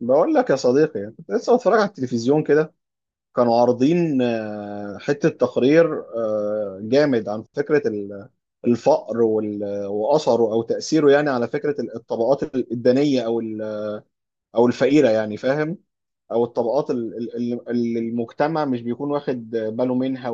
بقول لك يا صديقي، أنا كنت لسه بتفرج على التلفزيون كده. كانوا عارضين حتة تقرير جامد عن فكرة الفقر وأثره أو تأثيره، يعني على فكرة الطبقات الدنية أو الفقيرة، يعني فاهم، أو الطبقات اللي المجتمع مش بيكون واخد باله منها.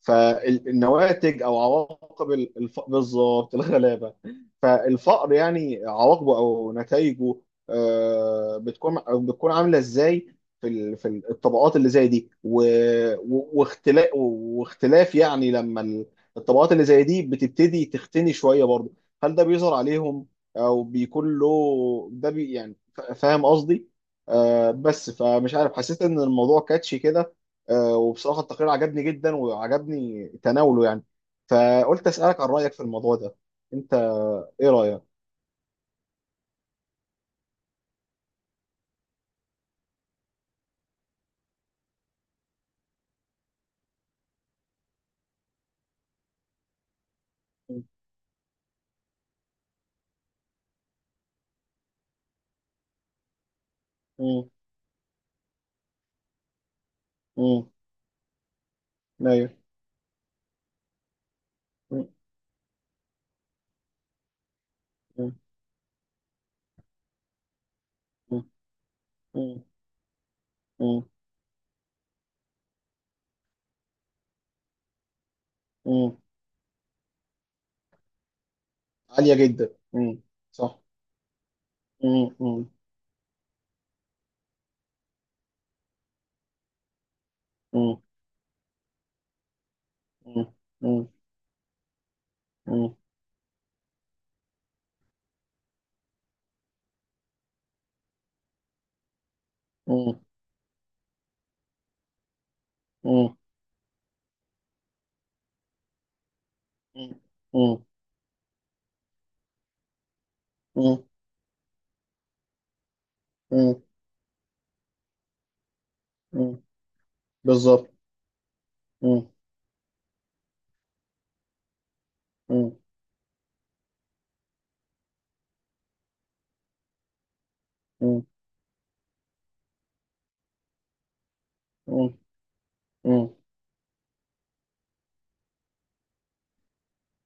فالنواتج او عواقب بالظبط الغلابه. فالفقر يعني عواقبه او نتائجه. آه، بتكون بتكون عامله ازاي في في الطبقات اللي زي دي واختلاف، يعني لما الطبقات اللي زي دي بتبتدي تختني شويه برضه. هل ده بيظهر عليهم، او بيكون له ده يعني فاهم قصدي؟ بس فمش عارف، حسيت ان الموضوع كاتشي كده. وبصراحه التقرير عجبني جدا وعجبني تناوله، يعني. فقلت اسالك عن رايك في الموضوع ده انت، ايه رايك؟ مم. مم. مم. ايوه. مم. مم. مم. مم. مم. مم. عاليه جدا، مم. صح. مم. مم. مم. مم. مم. مم. مم. مم. مم. مم. مم. مم. مم. بالظبط. مم، مم. مم. مم. مم.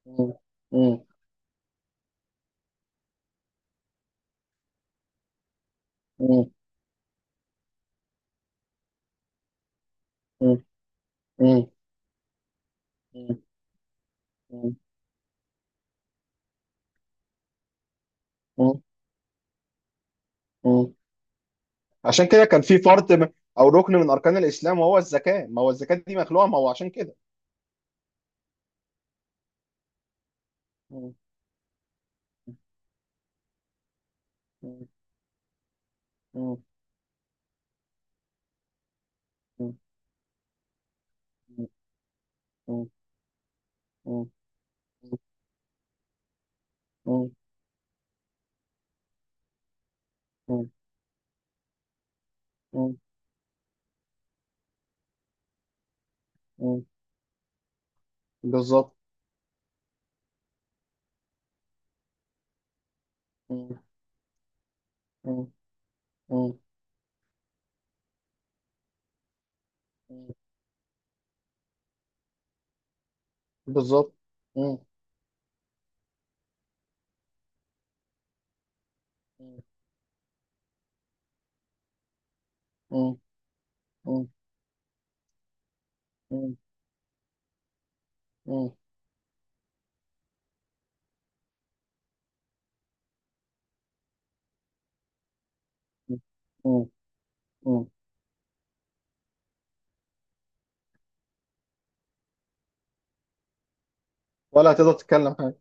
مم. مم. مم. مم. مم. مم. مم. مم. عشان كده كان في فرض، او ركن من اركان الاسلام وهو الزكاه. ما هو الزكاه دي مخلوقه، ما هو عشان كده. بالظبط. بالظبط. ولا هتقدر تتكلم حاجه.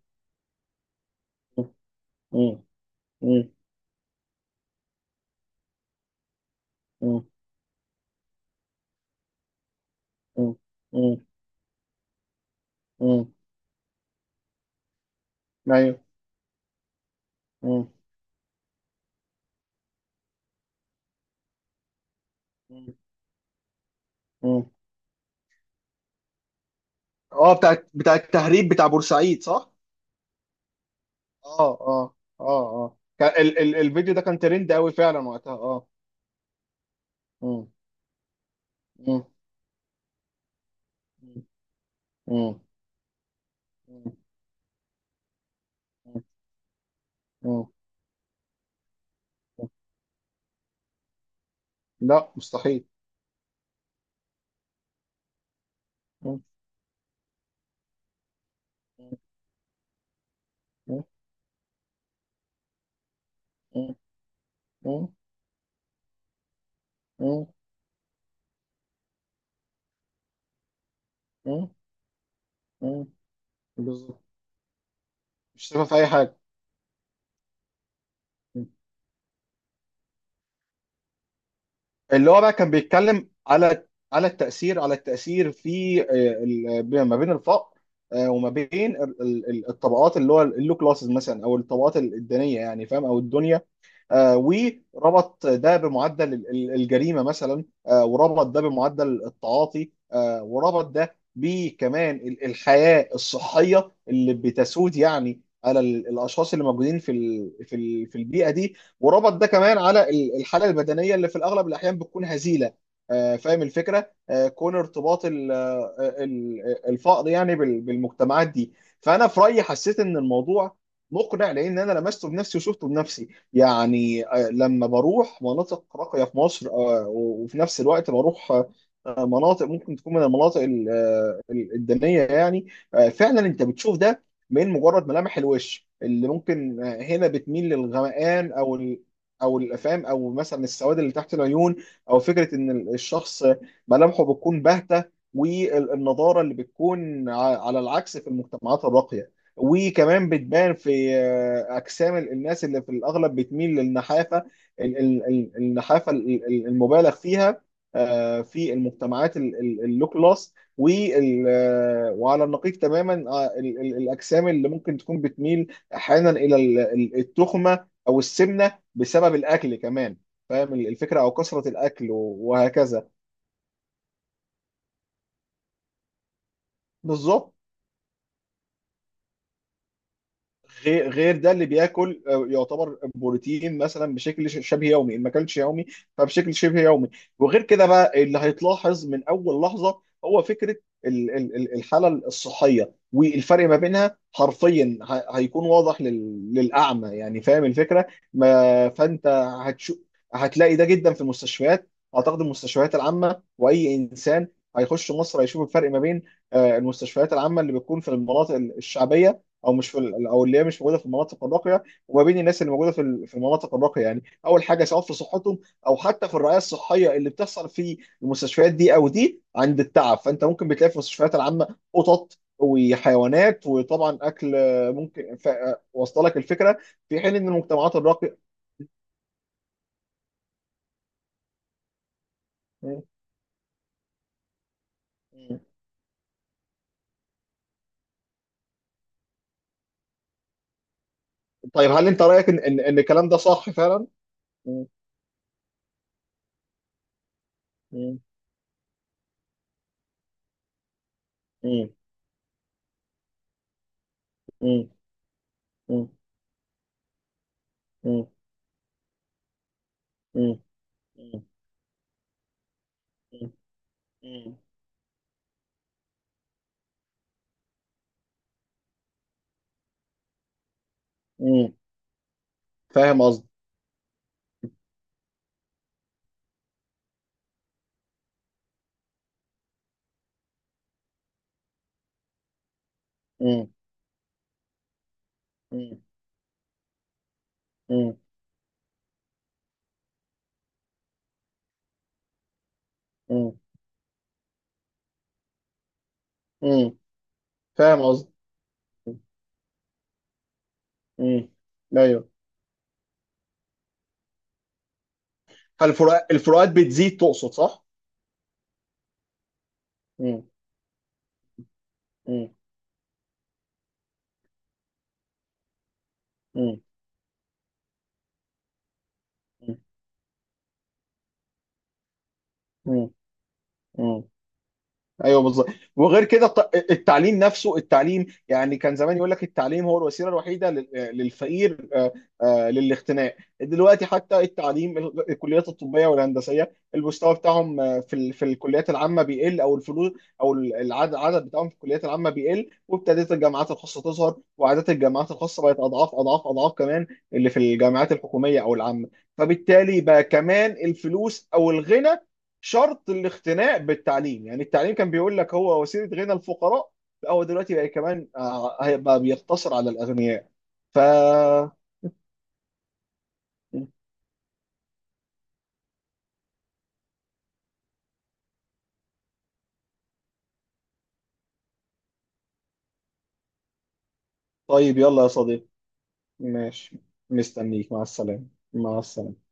ايوه. اه. بتاع التهريب بتاع بورسعيد، صح. اه. اه. اه. اه. كان ال الفيديو ده كان ترند قوي فعلا وقتها، اه. مم. مم. مم. مم. مم. مم. لا، مستحيل. مم. مم. مم. مم. مم. مم. مم. بالظبط. مش شايفها في اي حاجه. مم. اللي هو بقى كان بيتكلم على التاثير في ما بين الفقر. وما بين الطبقات اللي هو اللو كلاسز مثلا، او الطبقات الدينيه، يعني فاهم، او الدنيا. آه، وربط ده بمعدل الجريمه مثلا، وربط ده بمعدل التعاطي، وربط ده بكمان الحياه الصحيه اللي بتسود، يعني على الاشخاص اللي موجودين في في البيئه دي، وربط ده كمان على الحاله البدنيه اللي في الاغلب الاحيان بتكون هزيله. فاهم الفكره، كون ارتباط الفقر يعني بالمجتمعات دي. فانا في رايي حسيت ان الموضوع مقنع، لان انا لمسته بنفسي وشفته بنفسي. يعني لما بروح مناطق راقية في مصر، وفي نفس الوقت بروح مناطق ممكن تكون من المناطق الدنية يعني. فعلا انت بتشوف ده من مجرد ملامح الوش، اللي ممكن هنا بتميل للغمقان او الافام، او مثلا السواد اللي تحت العيون، او فكرة ان الشخص ملامحه بتكون باهتة، والنضارة اللي بتكون على العكس في المجتمعات الراقية. وكمان بتبان في اجسام الناس، اللي في الاغلب بتميل للنحافه، النحافه المبالغ فيها، في المجتمعات اللو كلاس، وعلى النقيض تماما، الاجسام اللي ممكن تكون بتميل احيانا الى التخمه او السمنه، بسبب الاكل كمان، فاهم الفكره، او كثره الاكل، وهكذا. بالظبط. غير ده اللي بياكل يعتبر بروتين مثلا بشكل شبه يومي، ان ما اكلش يومي. فبشكل شبه يومي. وغير كده بقى، اللي هيتلاحظ من اول لحظه هو فكره الحاله الصحيه، والفرق ما بينها حرفيا هيكون واضح للاعمى، يعني فاهم الفكره، ما فانت هتشو هتلاقي ده جدا في المستشفيات. اعتقد المستشفيات العامه، واي انسان هيخش مصر هيشوف الفرق ما بين المستشفيات العامه اللي بتكون في المناطق الشعبيه، او اللي هي مش موجوده في المناطق الراقيه، وما بين الناس اللي موجوده في في المناطق الراقيه، يعني اول حاجه سواء في صحتهم او حتى في الرعايه الصحيه اللي بتحصل في المستشفيات دي، او دي عند التعب، فانت ممكن بتلاقي في المستشفيات العامه قطط وحيوانات وطبعا اكل، واصله لك الفكره. في حين ان المجتمعات الراقيه. م- م. طيب، هل انت رايك ان ان إن الكلام ده صح فعلا؟ م- م- م- م- م- م- م- م- م- م- فاهم قصدي؟ مم. مم. مم. مم. فاهم قصدي. مم. ايوه. هل الفروقات بتزيد، تقصد، صح؟ مم. مم. مم. مم. مم. ايوه، بالظبط. وغير كده التعليم نفسه، التعليم، يعني كان زمان يقول لك التعليم هو الوسيله الوحيده للفقير، للاختناق. دلوقتي حتى التعليم الكليات الطبيه والهندسيه، المستوى بتاعهم في في الكليات العامه بيقل، او الفلوس، او العدد بتاعهم في الكليات العامه بيقل، وابتدت الجامعات الخاصه تظهر، وعادات الجامعات الخاصه بقت اضعاف اضعاف اضعاف كمان اللي في الجامعات الحكوميه او العامه. فبالتالي بقى كمان الفلوس او الغنى شرط الاختناق بالتعليم، يعني التعليم كان بيقول لك هو وسيله غنى الفقراء. لا، هو دلوقتي بقى كمان هيبقى بيقتصر على الاغنياء. ف طيب، يلا يا صديقي. ماشي. مستنيك، مع السلامه. مع السلامه.